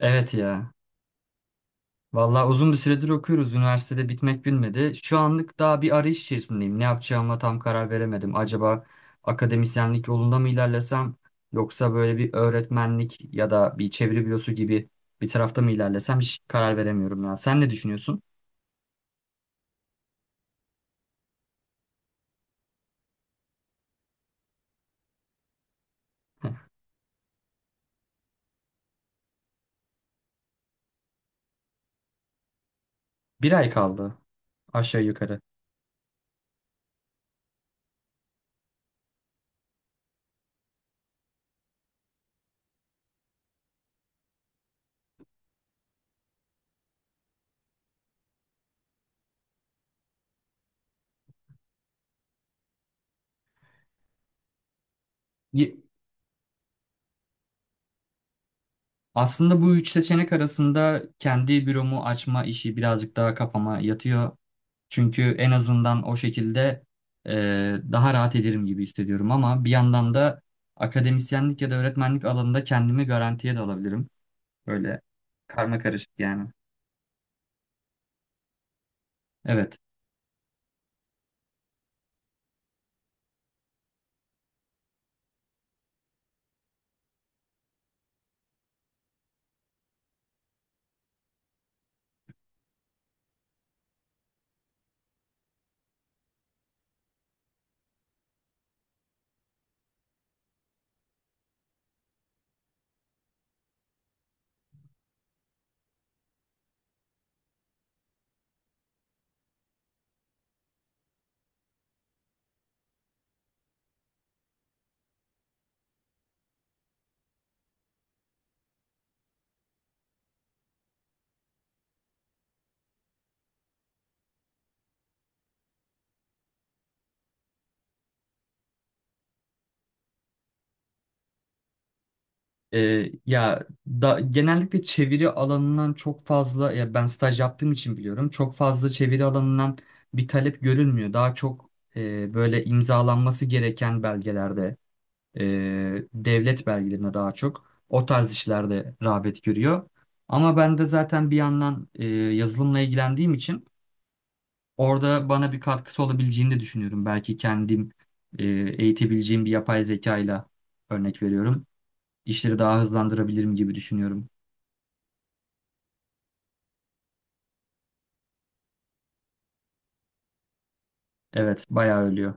Evet ya. Vallahi uzun bir süredir okuyoruz. Üniversitede bitmek bilmedi. Şu anlık daha bir arayış içerisindeyim. Ne yapacağıma tam karar veremedim. Acaba akademisyenlik yolunda mı ilerlesem yoksa böyle bir öğretmenlik ya da bir çeviri bürosu gibi bir tarafta mı ilerlesem hiç karar veremiyorum ya. Sen ne düşünüyorsun? Bir ay kaldı aşağı yukarı. Y- Aslında bu üç seçenek arasında kendi büromu açma işi birazcık daha kafama yatıyor. Çünkü en azından o şekilde e, daha rahat ederim gibi hissediyorum ama bir yandan da akademisyenlik ya da öğretmenlik alanında kendimi garantiye de alabilirim. Böyle karma karışık yani. Evet. E, Ya da genellikle çeviri alanından çok fazla ya ben staj yaptığım için biliyorum. Çok fazla çeviri alanından bir talep görülmüyor. Daha çok böyle imzalanması gereken belgelerde devlet belgelerine daha çok o tarz işlerde rağbet görüyor. Ama ben de zaten bir yandan yazılımla ilgilendiğim için orada bana bir katkısı olabileceğini de düşünüyorum. Belki kendim eğitebileceğim bir yapay zeka ile örnek veriyorum. İşleri daha hızlandırabilirim gibi düşünüyorum. Evet, bayağı ölüyor.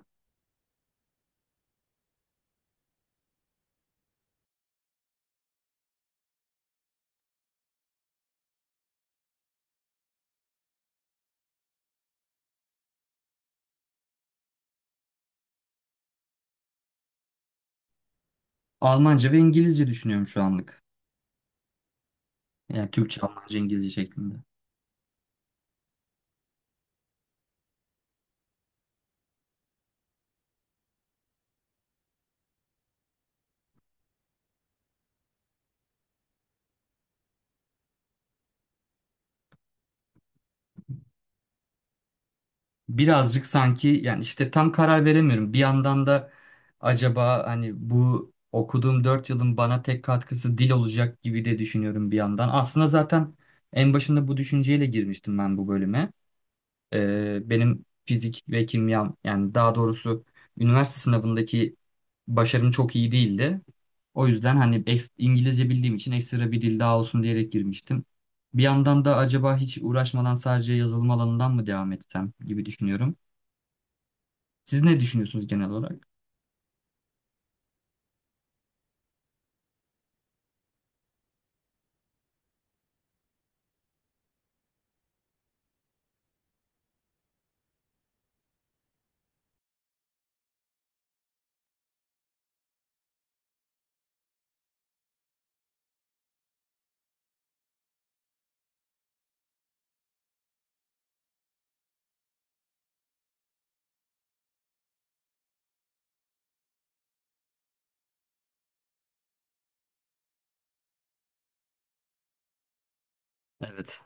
Almanca ve İngilizce düşünüyorum şu anlık. Yani Türkçe, Almanca, İngilizce şeklinde. Birazcık sanki yani işte tam karar veremiyorum. Bir yandan da acaba hani bu okuduğum 4 yılın bana tek katkısı dil olacak gibi de düşünüyorum bir yandan. Aslında zaten en başında bu düşünceyle girmiştim ben bu bölüme. Benim fizik ve kimyam yani daha doğrusu üniversite sınavındaki başarım çok iyi değildi. O yüzden hani İngilizce bildiğim için ekstra bir dil daha olsun diyerek girmiştim. Bir yandan da acaba hiç uğraşmadan sadece yazılım alanından mı devam etsem gibi düşünüyorum. Siz ne düşünüyorsunuz genel olarak? Evet.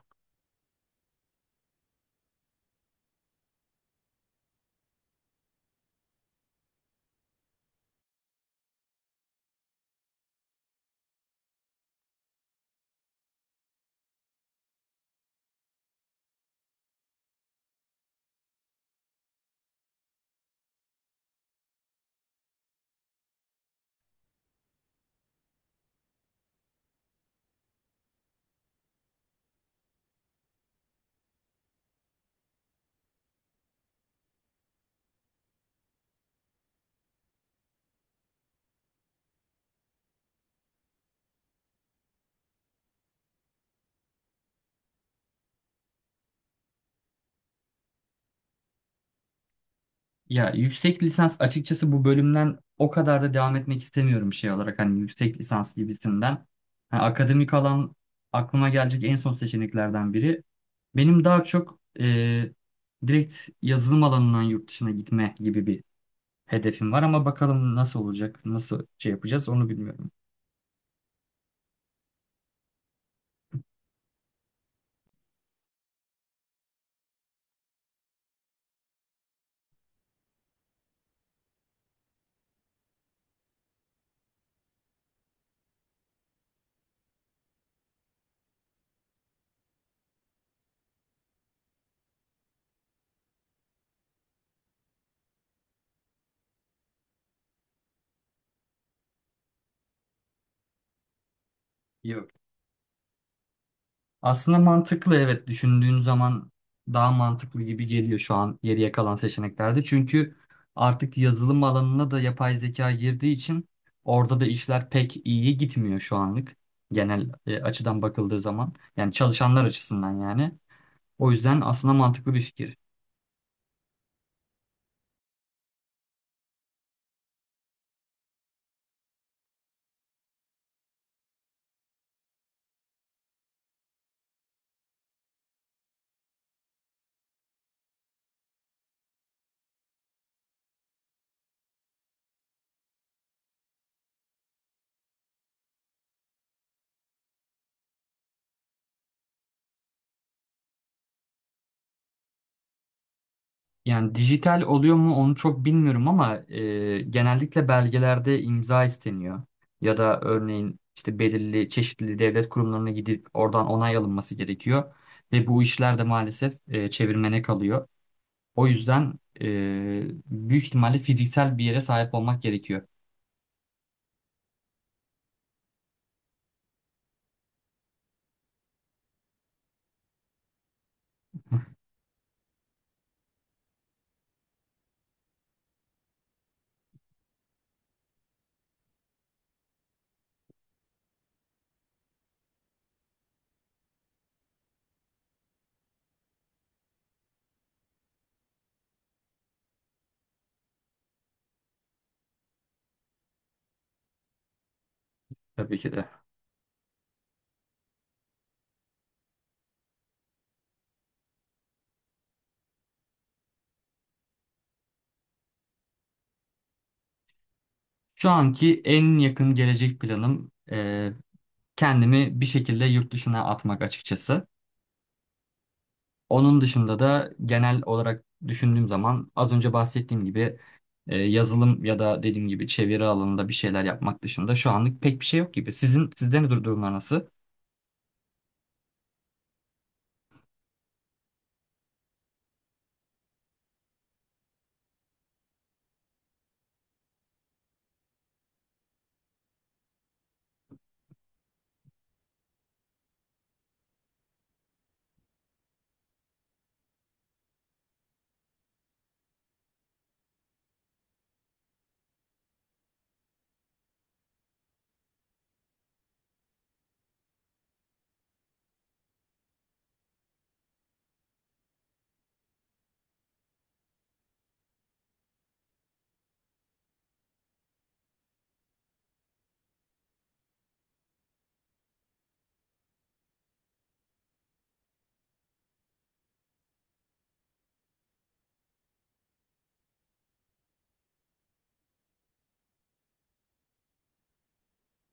Ya yüksek lisans açıkçası bu bölümden o kadar da devam etmek istemiyorum şey olarak hani yüksek lisans gibisinden. Ha, akademik alan aklıma gelecek en son seçeneklerden biri. Benim daha çok direkt yazılım alanından yurt dışına gitme gibi bir hedefim var ama bakalım nasıl olacak, nasıl şey yapacağız onu bilmiyorum. Yok. Aslında mantıklı evet düşündüğün zaman daha mantıklı gibi geliyor şu an geriye kalan seçeneklerde. Çünkü artık yazılım alanına da yapay zeka girdiği için orada da işler pek iyi gitmiyor şu anlık. Genel açıdan bakıldığı zaman yani çalışanlar açısından yani. O yüzden aslında mantıklı bir fikir. Yani dijital oluyor mu onu çok bilmiyorum ama genellikle belgelerde imza isteniyor. Ya da örneğin işte belirli çeşitli devlet kurumlarına gidip oradan onay alınması gerekiyor. Ve bu işler de maalesef çevirmene kalıyor. O yüzden büyük ihtimalle fiziksel bir yere sahip olmak gerekiyor. Tabii ki de. Şu anki en yakın gelecek planım kendimi bir şekilde yurt dışına atmak açıkçası. Onun dışında da genel olarak düşündüğüm zaman az önce bahsettiğim gibi yazılım ya da dediğim gibi çeviri alanında bir şeyler yapmak dışında şu anlık pek bir şey yok gibi. Sizin sizde ne durumlar nasıl?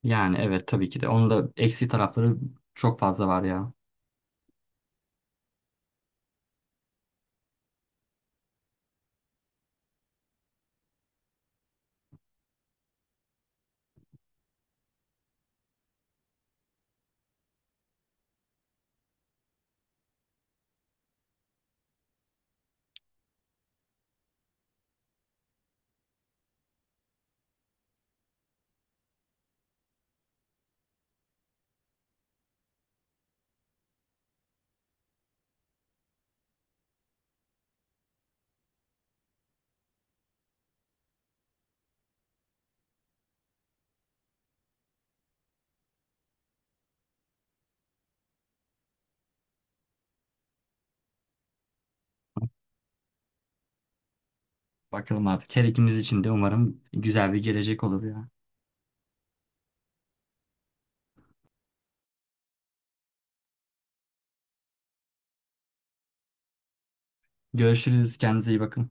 Yani evet tabii ki de. Onun da eksi tarafları çok fazla var ya. Bakalım artık her ikimiz için de umarım güzel bir gelecek olur ya. Görüşürüz. Kendinize iyi bakın.